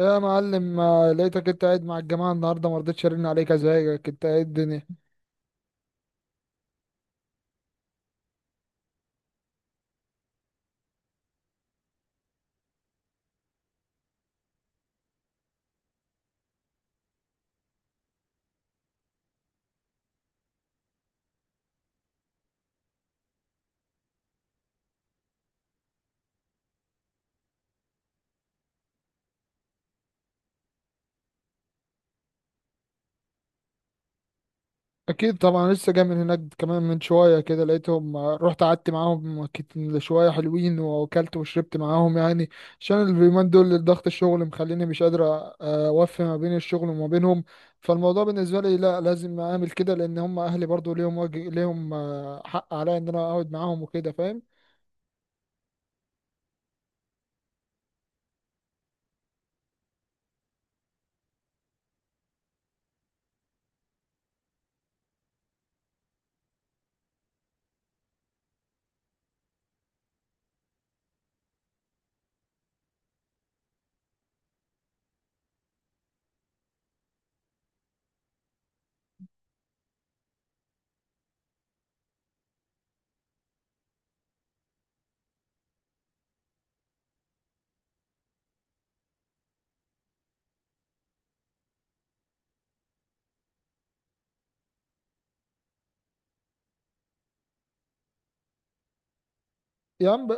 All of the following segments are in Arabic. يا معلم، ما لقيتك انت قاعد مع الجماعة النهاردة، ما رضيتش ارن عليك. ازيك؟ انت ايه الدنيا؟ اكيد طبعا، لسه جاي من هناك كمان من شوية كده، لقيتهم، رحت قعدت معاهم شوية، حلوين واكلت وشربت معاهم يعني. عشان اليومين دول ضغط الشغل مخليني مش قادر اوفي ما بين الشغل وما بينهم. فالموضوع بالنسبة لي لا، لازم اعمل كده، لان هم اهلي برضو ليهم واجب، ليهم حق عليا ان انا اقعد معاهم وكده. فاهم؟ يا عم، ب...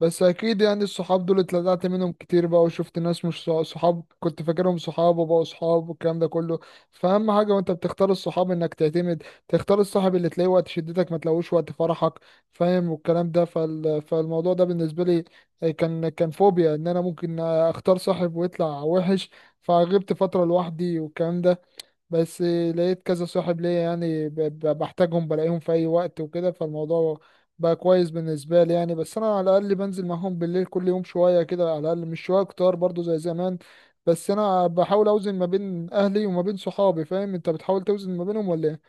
بس اكيد يعني الصحاب دول اتلدعت منهم كتير بقى، وشفت ناس مش صحاب، كنت فاكرهم صحاب وبقوا صحاب والكلام ده كله. فاهم حاجه، وانت بتختار الصحاب انك تعتمد تختار الصاحب اللي تلاقيه وقت شدتك ما تلاقوش وقت فرحك. فاهم؟ والكلام ده، فالموضوع ده بالنسبه لي كان فوبيا ان انا ممكن اختار صاحب ويطلع وحش. فغبت فتره لوحدي والكلام ده، بس لقيت كذا صاحب ليا، يعني بحتاجهم، بلاقيهم في اي وقت وكده، فالموضوع بقى كويس بالنسبه لي يعني. بس انا على الاقل بنزل معاهم بالليل كل يوم شويه كده، على الاقل مش شويه كتار برضو زي زمان. بس انا بحاول اوزن ما بين اهلي وما بين صحابي. فاهم؟ انت بتحاول توزن ما بينهم ولا إيه؟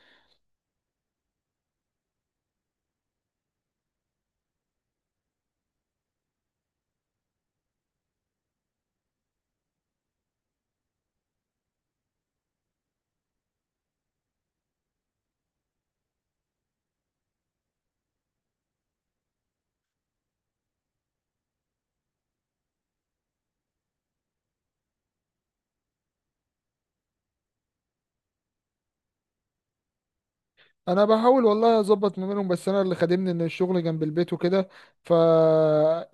انا بحاول والله اظبط ما بينهم، بس انا اللي خادمني ان الشغل جنب البيت وكده. ف...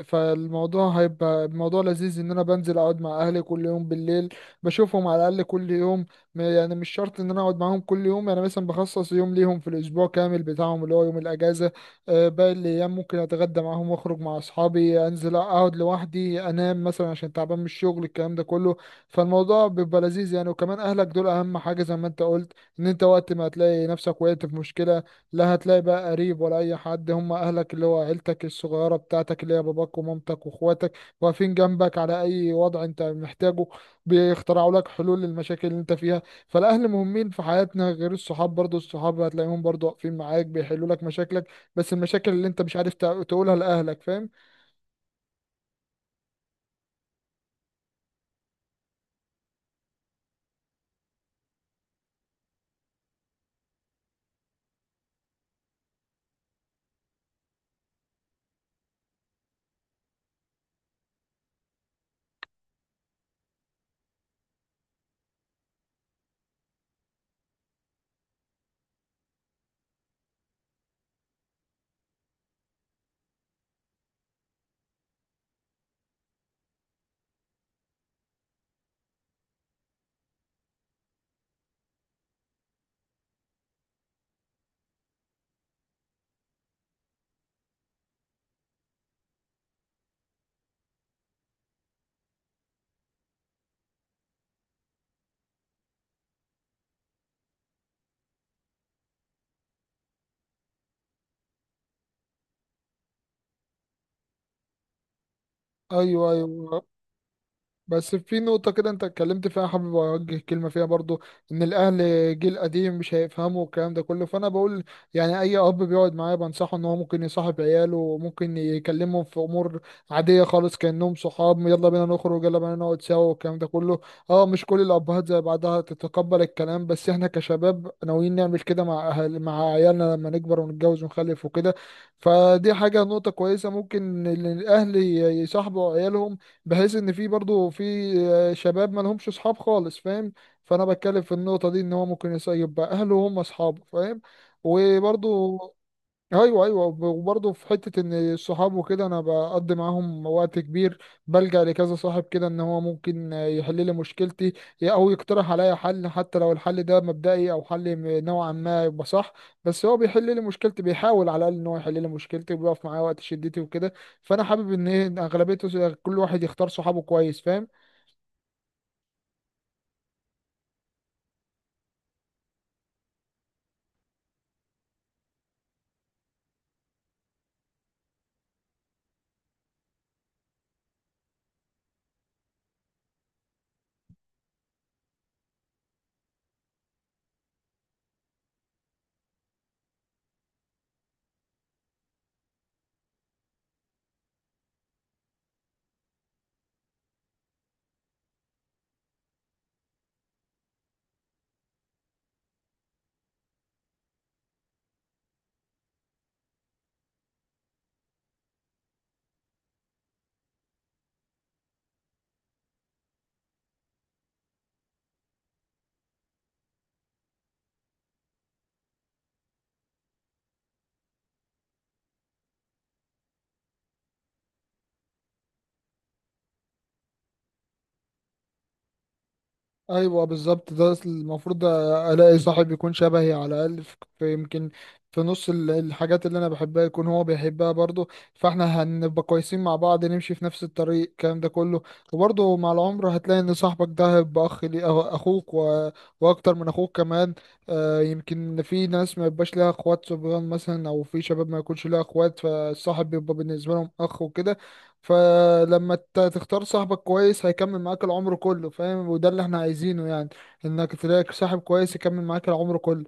فالموضوع هيبقى الموضوع لذيذ، ان انا بنزل اقعد مع اهلي كل يوم بالليل، بشوفهم على الاقل كل يوم. يعني مش شرط ان انا اقعد معاهم كل يوم، يعني مثلا بخصص يوم ليهم في الاسبوع كامل بتاعهم، اللي هو يوم الاجازه. باقي الايام ممكن اتغدى معاهم، واخرج مع اصحابي، انزل اقعد لوحدي، انام مثلا عشان تعبان من الشغل، الكلام ده كله. فالموضوع بيبقى لذيذ يعني. وكمان اهلك دول اهم حاجه، زي ما انت قلت، ان انت وقت ما هتلاقي نفسك وقعت في مشكلة، لا هتلاقي بقى قريب ولا اي حد. هم اهلك، اللي هو عيلتك الصغيرة بتاعتك، اللي هي باباك ومامتك واخواتك، واقفين جنبك على اي وضع انت محتاجه، بيخترعوا لك حلول للمشاكل اللي انت فيها. فالاهل مهمين في حياتنا غير الصحاب. برضو الصحاب هتلاقيهم برضو واقفين معاك بيحلوا لك مشاكلك، بس المشاكل اللي انت مش عارف تقولها لاهلك. فاهم؟ ايوه، ايوه. بس في نقطة كده انت اتكلمت فيها، حابب اوجه كلمة فيها برضو، ان الاهل جيل قديم مش هيفهموا الكلام ده كله، فانا بقول، يعني اي اب بيقعد معايا بنصحه ان هو ممكن يصاحب عياله، وممكن يكلمهم في امور عادية خالص، كأنهم صحاب: يلا بينا نخرج، يلا بينا نقعد سوا، والكلام ده كله. اه، مش كل الابهات زي بعضها تتقبل الكلام. بس احنا كشباب ناويين نعمل كده مع اهل، مع عيالنا، لما نكبر ونتجوز ونخلف وكده. فدي حاجة، نقطة كويسة، ممكن إن الأهل يصاحبوا عيالهم، بحيث ان في برضه، في شباب ما لهمش اصحاب خالص. فاهم؟ فانا بتكلم في النقطه دي، ان هو ممكن يسيب بقى اهله هم اصحابه. فاهم؟ وبرضه ايوه، ايوه. وبرضه في حته ان الصحاب وكده انا بقضي معاهم وقت كبير، بلجأ لكذا صاحب كده، ان هو ممكن يحل لي مشكلتي، او يقترح عليا حل. حتى لو الحل ده مبدئي او حل نوعا ما يبقى صح، بس هو بيحل لي مشكلتي، بيحاول على الاقل ان هو يحل لي مشكلتي، وبيقف معايا وقت شدتي وكده. فانا حابب ان إن اغلبيته كل واحد يختار صحابه كويس. فاهم؟ ايوه بالظبط، ده المفروض الاقي صاحب يكون شبهي، على الاقل في يمكن في نص الحاجات اللي انا بحبها يكون هو بيحبها برضه. فاحنا هنبقى كويسين مع بعض، نمشي في نفس الطريق، الكلام ده كله. وبرضه مع العمر هتلاقي ان صاحبك ده هيبقى اخ لي، اخوك واكتر من اخوك كمان. يمكن في ناس ما يبقاش لها اخوات صبيان مثلا، او في شباب ما يكونش لها اخوات، فالصاحب بيبقى بالنسبه لهم اخ وكده. فلما تختار صاحبك كويس هيكمل معاك العمر كله. فاهم؟ وده اللي احنا عايزينه يعني، انك تلاقي صاحب كويس يكمل معاك العمر كله.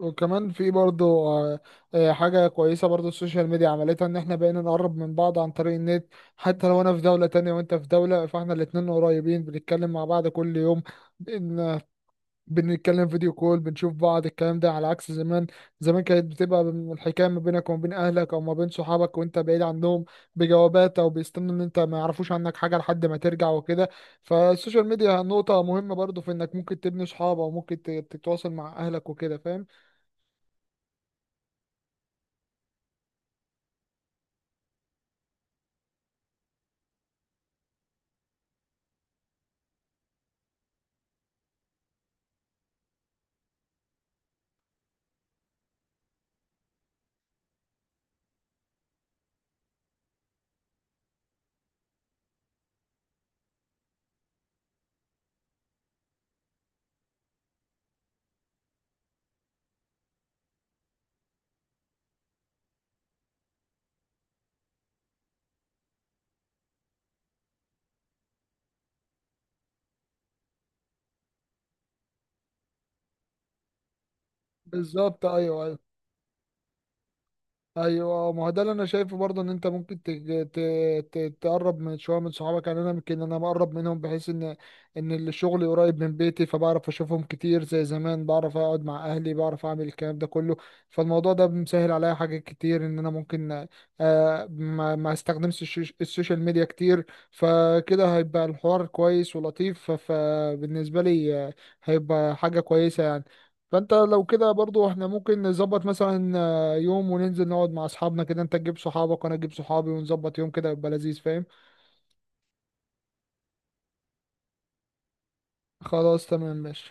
وكمان في برضو حاجة كويسة برضو. السوشيال ميديا عملتها ان احنا بقينا نقرب من بعض عن طريق النت، حتى لو انا في دولة تانية وانت في دولة، فاحنا الاتنين قريبين، بنتكلم مع بعض كل يوم، بنتكلم فيديو كول، بنشوف بعض، الكلام ده على عكس زمان. زمان كانت بتبقى الحكايه ما بينك وما بين اهلك، او ما بين صحابك وانت بعيد عنهم، بجوابات، او بيستنوا ان انت ما يعرفوش عنك حاجه لحد ما ترجع وكده. فالسوشيال ميديا نقطه مهمه برضو، في انك ممكن تبني صحاب او ممكن تتواصل مع اهلك وكده. فاهم؟ بالظبط، ايوه، أيوه. ايوه، ما هو ده اللي انا شايفه برضه، ان انت ممكن تقرب من شويه من صحابك. يعني انا يمكن انا مقرب منهم، بحيث ان الشغل قريب من بيتي، فبعرف اشوفهم كتير زي زمان، بعرف اقعد مع اهلي، بعرف اعمل الكلام ده كله. فالموضوع ده مسهل عليا حاجات كتير، ان انا ممكن ما استخدمش السوشيال ميديا كتير. فكده هيبقى الحوار كويس ولطيف، فبالنسبه لي هيبقى حاجه كويسه يعني. فانت لو كده برضو، احنا ممكن نظبط مثلا يوم وننزل نقعد مع اصحابنا، كده انت تجيب صحابك وانا اجيب صحابي ونظبط يوم، كده يبقى لذيذ. فاهم؟ خلاص تمام ماشي.